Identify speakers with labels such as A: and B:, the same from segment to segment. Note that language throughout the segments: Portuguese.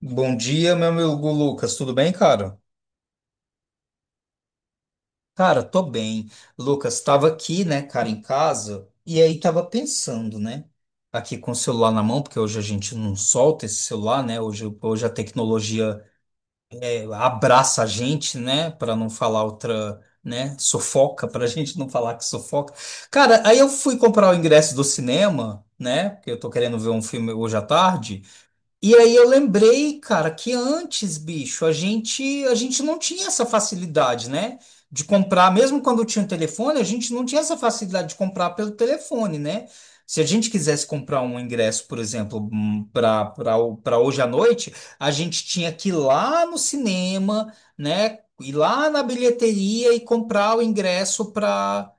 A: Bom dia, meu amigo Lucas, tudo bem, cara? Cara, tô bem. Lucas, tava aqui, né, cara, em casa, e aí tava pensando, né, aqui com o celular na mão, porque hoje a gente não solta esse celular, né, hoje, hoje a tecnologia abraça a gente, né, para não falar outra, né, sufoca, pra gente não falar que sufoca. Cara, aí eu fui comprar o ingresso do cinema, né, porque eu tô querendo ver um filme hoje à tarde. E aí eu lembrei, cara, que antes, bicho, a gente não tinha essa facilidade, né? De comprar, mesmo quando tinha o telefone, a gente não tinha essa facilidade de comprar pelo telefone, né? Se a gente quisesse comprar um ingresso, por exemplo, para para hoje à noite, a gente tinha que ir lá no cinema, né? Ir lá na bilheteria e comprar o ingresso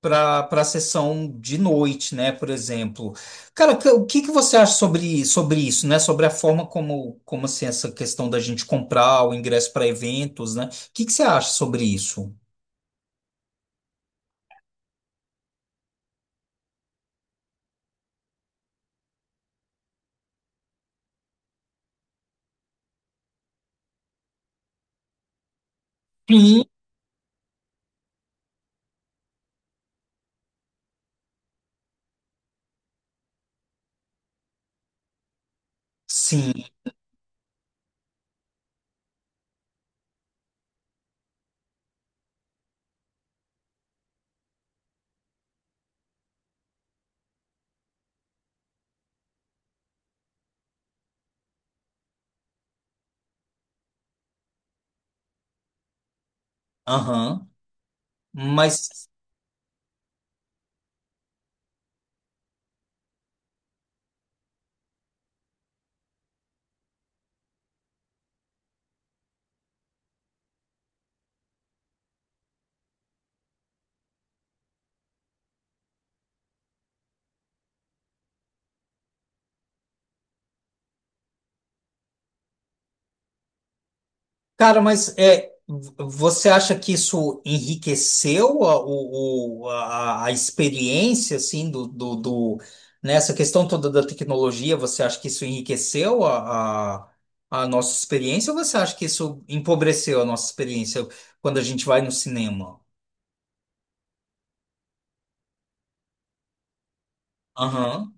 A: para sessão de noite, né, por exemplo. Cara, o que você acha sobre isso, né? Sobre a forma como assim essa questão da gente comprar o ingresso para eventos, né? O que você acha sobre isso? Sim. Sim, aham. Mas cara, mas é, você acha que isso enriqueceu a, o- a experiência, assim, nessa questão toda da tecnologia? Você acha que isso enriqueceu a nossa experiência ou você acha que isso empobreceu a nossa experiência quando a gente vai no cinema? Aham.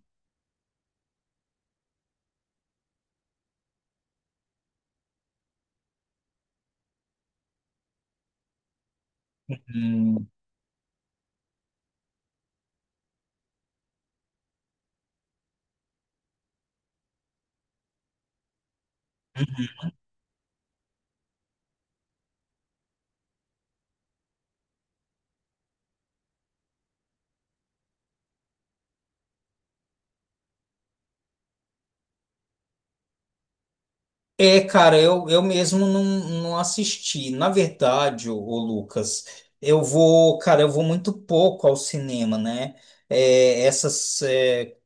A: É, cara, eu mesmo não assisti. Na verdade, ô Lucas, eu vou muito pouco ao cinema, né? É, essas, é,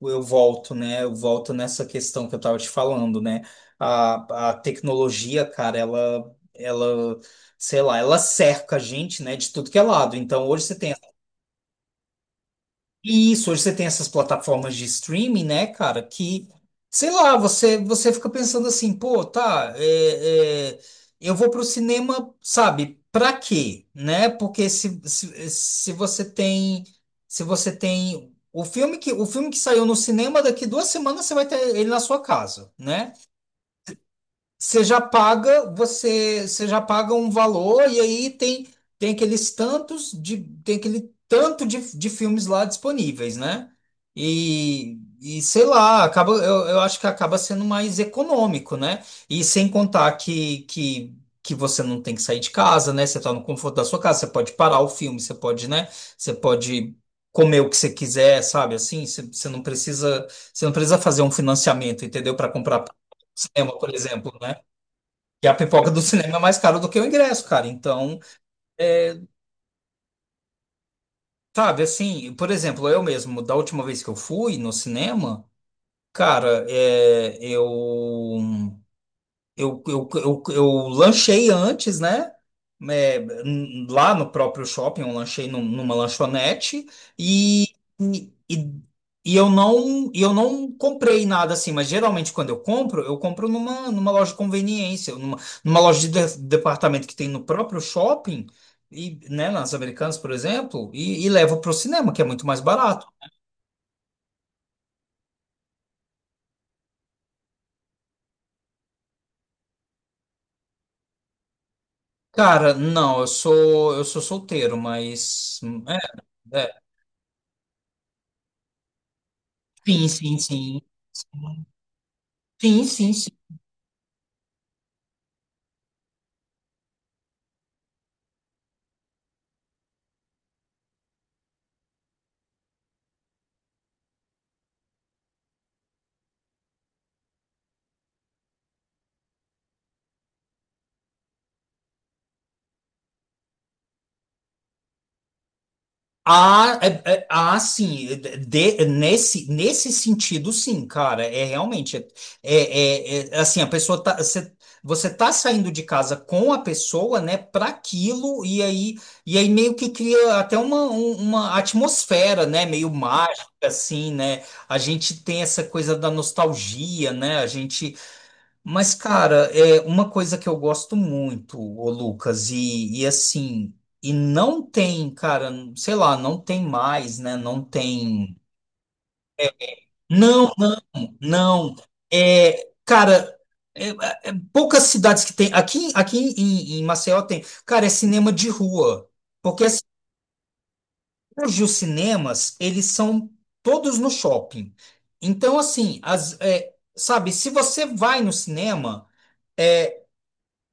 A: eu volto, né? Eu volto nessa questão que eu tava te falando, né? A tecnologia, cara, ela, sei lá, ela cerca a gente, né, de tudo que é lado. Então, hoje você tem e isso, hoje você tem essas plataformas de streaming, né, cara, que, sei lá, você fica pensando assim, pô, tá, é, eu vou pro cinema, sabe, pra quê, né? Porque se você tem, se você tem o filme que saiu no cinema, daqui duas semanas você vai ter ele na sua casa, né? Você já paga, você já paga um valor e aí tem tem aqueles tantos de tem aquele tanto de filmes lá disponíveis, né? E sei lá, eu acho que acaba sendo mais econômico, né? E sem contar que você não tem que sair de casa, né? Você tá no conforto da sua casa, você pode parar o filme, você pode, né? Você pode comer o que você quiser, sabe? Assim, você não precisa fazer um financiamento, entendeu? Para comprar cinema, por exemplo, né? E a pipoca do cinema é mais cara do que o ingresso, cara. Então, é, sabe, assim, por exemplo, eu mesmo, da última vez que eu fui no cinema, cara, é, eu lanchei antes, né? É, lá no próprio shopping, eu lanchei numa lanchonete e, e, e e eu não comprei nada assim, mas geralmente quando eu compro numa loja de conveniência, numa loja de, departamento que tem no próprio shopping, e, né, nas Americanas, por exemplo, e levo para o cinema, que é muito mais barato. Cara, não, eu sou solteiro, mas. É, é, sim, sim, sim. Sim, sim, sim. Ah, ah, sim, nesse, nesse sentido, sim, cara, é realmente, é, é, assim, a pessoa tá, você, você tá saindo de casa com a pessoa, né, para aquilo, e aí meio que cria até uma atmosfera, né, meio mágica, assim, né, a gente tem essa coisa da nostalgia, né, a gente. Mas, cara, é uma coisa que eu gosto muito, ô Lucas, e assim, e não tem, cara, sei lá, não tem mais, né? Não tem. Não, não. É, cara, é poucas cidades que tem. Aqui, em Maceió tem. Cara, é cinema de rua. Porque assim, hoje os cinemas, eles são todos no shopping. Então, assim, as, é, sabe, se você vai no cinema. É,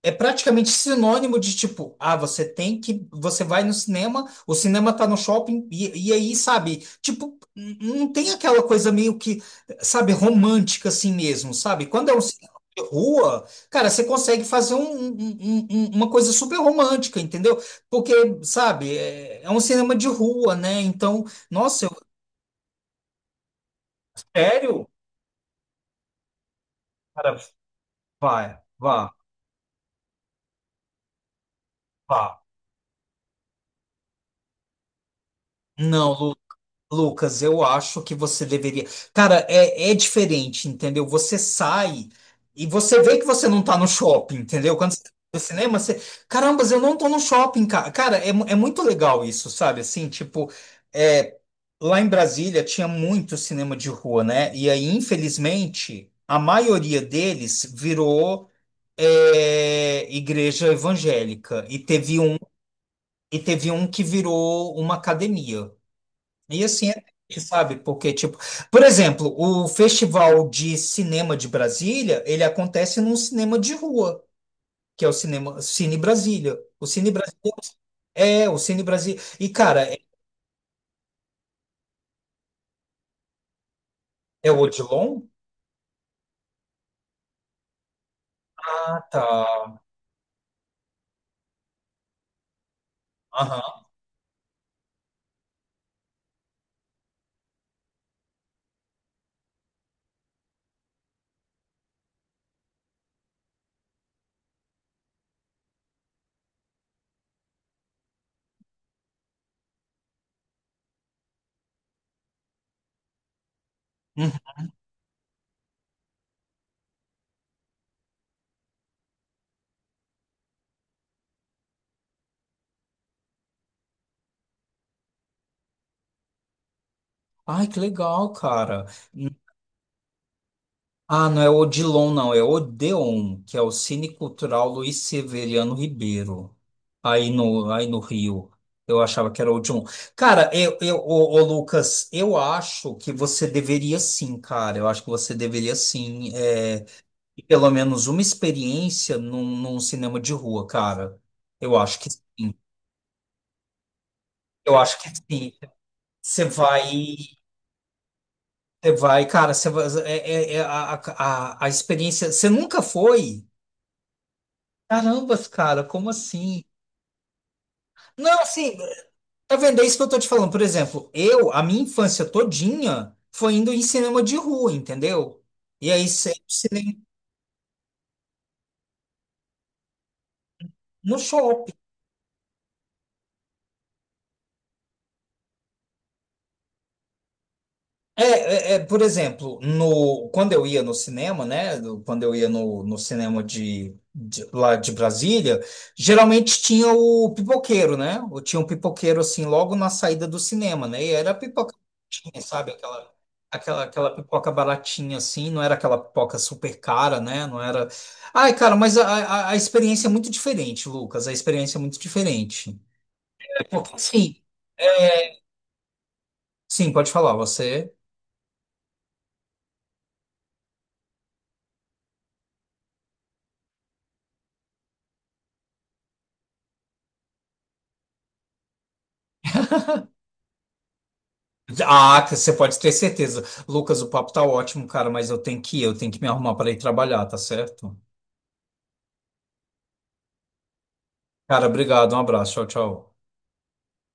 A: é praticamente sinônimo de tipo, ah, você tem que, você vai no cinema, o cinema tá no shopping, e aí, sabe, tipo, não tem aquela coisa meio que, sabe, romântica assim mesmo, sabe? Quando é um cinema de rua, cara, você consegue fazer uma coisa super romântica, entendeu? Porque, sabe, é, é um cinema de rua, né? Então, nossa, eu, sério? Cara, vai, vá, vá. Não, Lucas, eu acho que você deveria. Cara, é, é diferente, entendeu? Você sai e você vê que você não tá no shopping, entendeu? Quando você tá no cinema, você. Caramba, eu não tô no shopping, cara. Cara, é, é muito legal isso, sabe? Assim, tipo, é, lá em Brasília tinha muito cinema de rua, né? E aí, infelizmente, a maioria deles virou é, igreja evangélica. E teve um que virou uma academia. E assim, é, triste, sabe? Porque, tipo, por exemplo, o Festival de Cinema de Brasília, ele acontece num cinema de rua, que é o cinema Cine Brasília. O Cine Brasília. E, cara, é, é o Odilon? Ah, tá. Aham. Uhum. Ai, que legal, cara. Ah, não é Odilon, não, é Odeon, que é o Cine Cultural Luiz Severiano Ribeiro, aí no Rio. Eu achava que era Odilon. Cara, Lucas, eu acho que você deveria sim, cara. Eu acho que você deveria sim, é, ter pelo menos uma experiência num cinema de rua, cara. Eu acho que sim. Eu acho que sim. Você vai. Você vai, cara, você vai, é a, a experiência. Você nunca foi? Carambas, cara, como assim? Não, assim, tá vendo? É isso que eu tô te falando. Por exemplo, eu, a minha infância todinha foi indo em cinema de rua, entendeu? E aí sempre cinema no shopping. É, é, por exemplo, no, quando eu ia no cinema, né? Quando eu ia no cinema de, lá de Brasília, geralmente tinha o pipoqueiro, né? Ou tinha um pipoqueiro assim logo na saída do cinema, né? E era a pipoca, baratinha, sabe? Aquela pipoca baratinha assim, não era aquela pipoca super cara, né? Não era. Ai, cara, mas a experiência é muito diferente, Lucas. A experiência é muito diferente. É porque- sim, sim, pode falar, você. Ah, você pode ter certeza. Lucas, o papo tá ótimo, cara, mas eu tenho que ir, eu tenho que me arrumar para ir trabalhar, tá certo? Cara, obrigado, um abraço, tchau, tchau.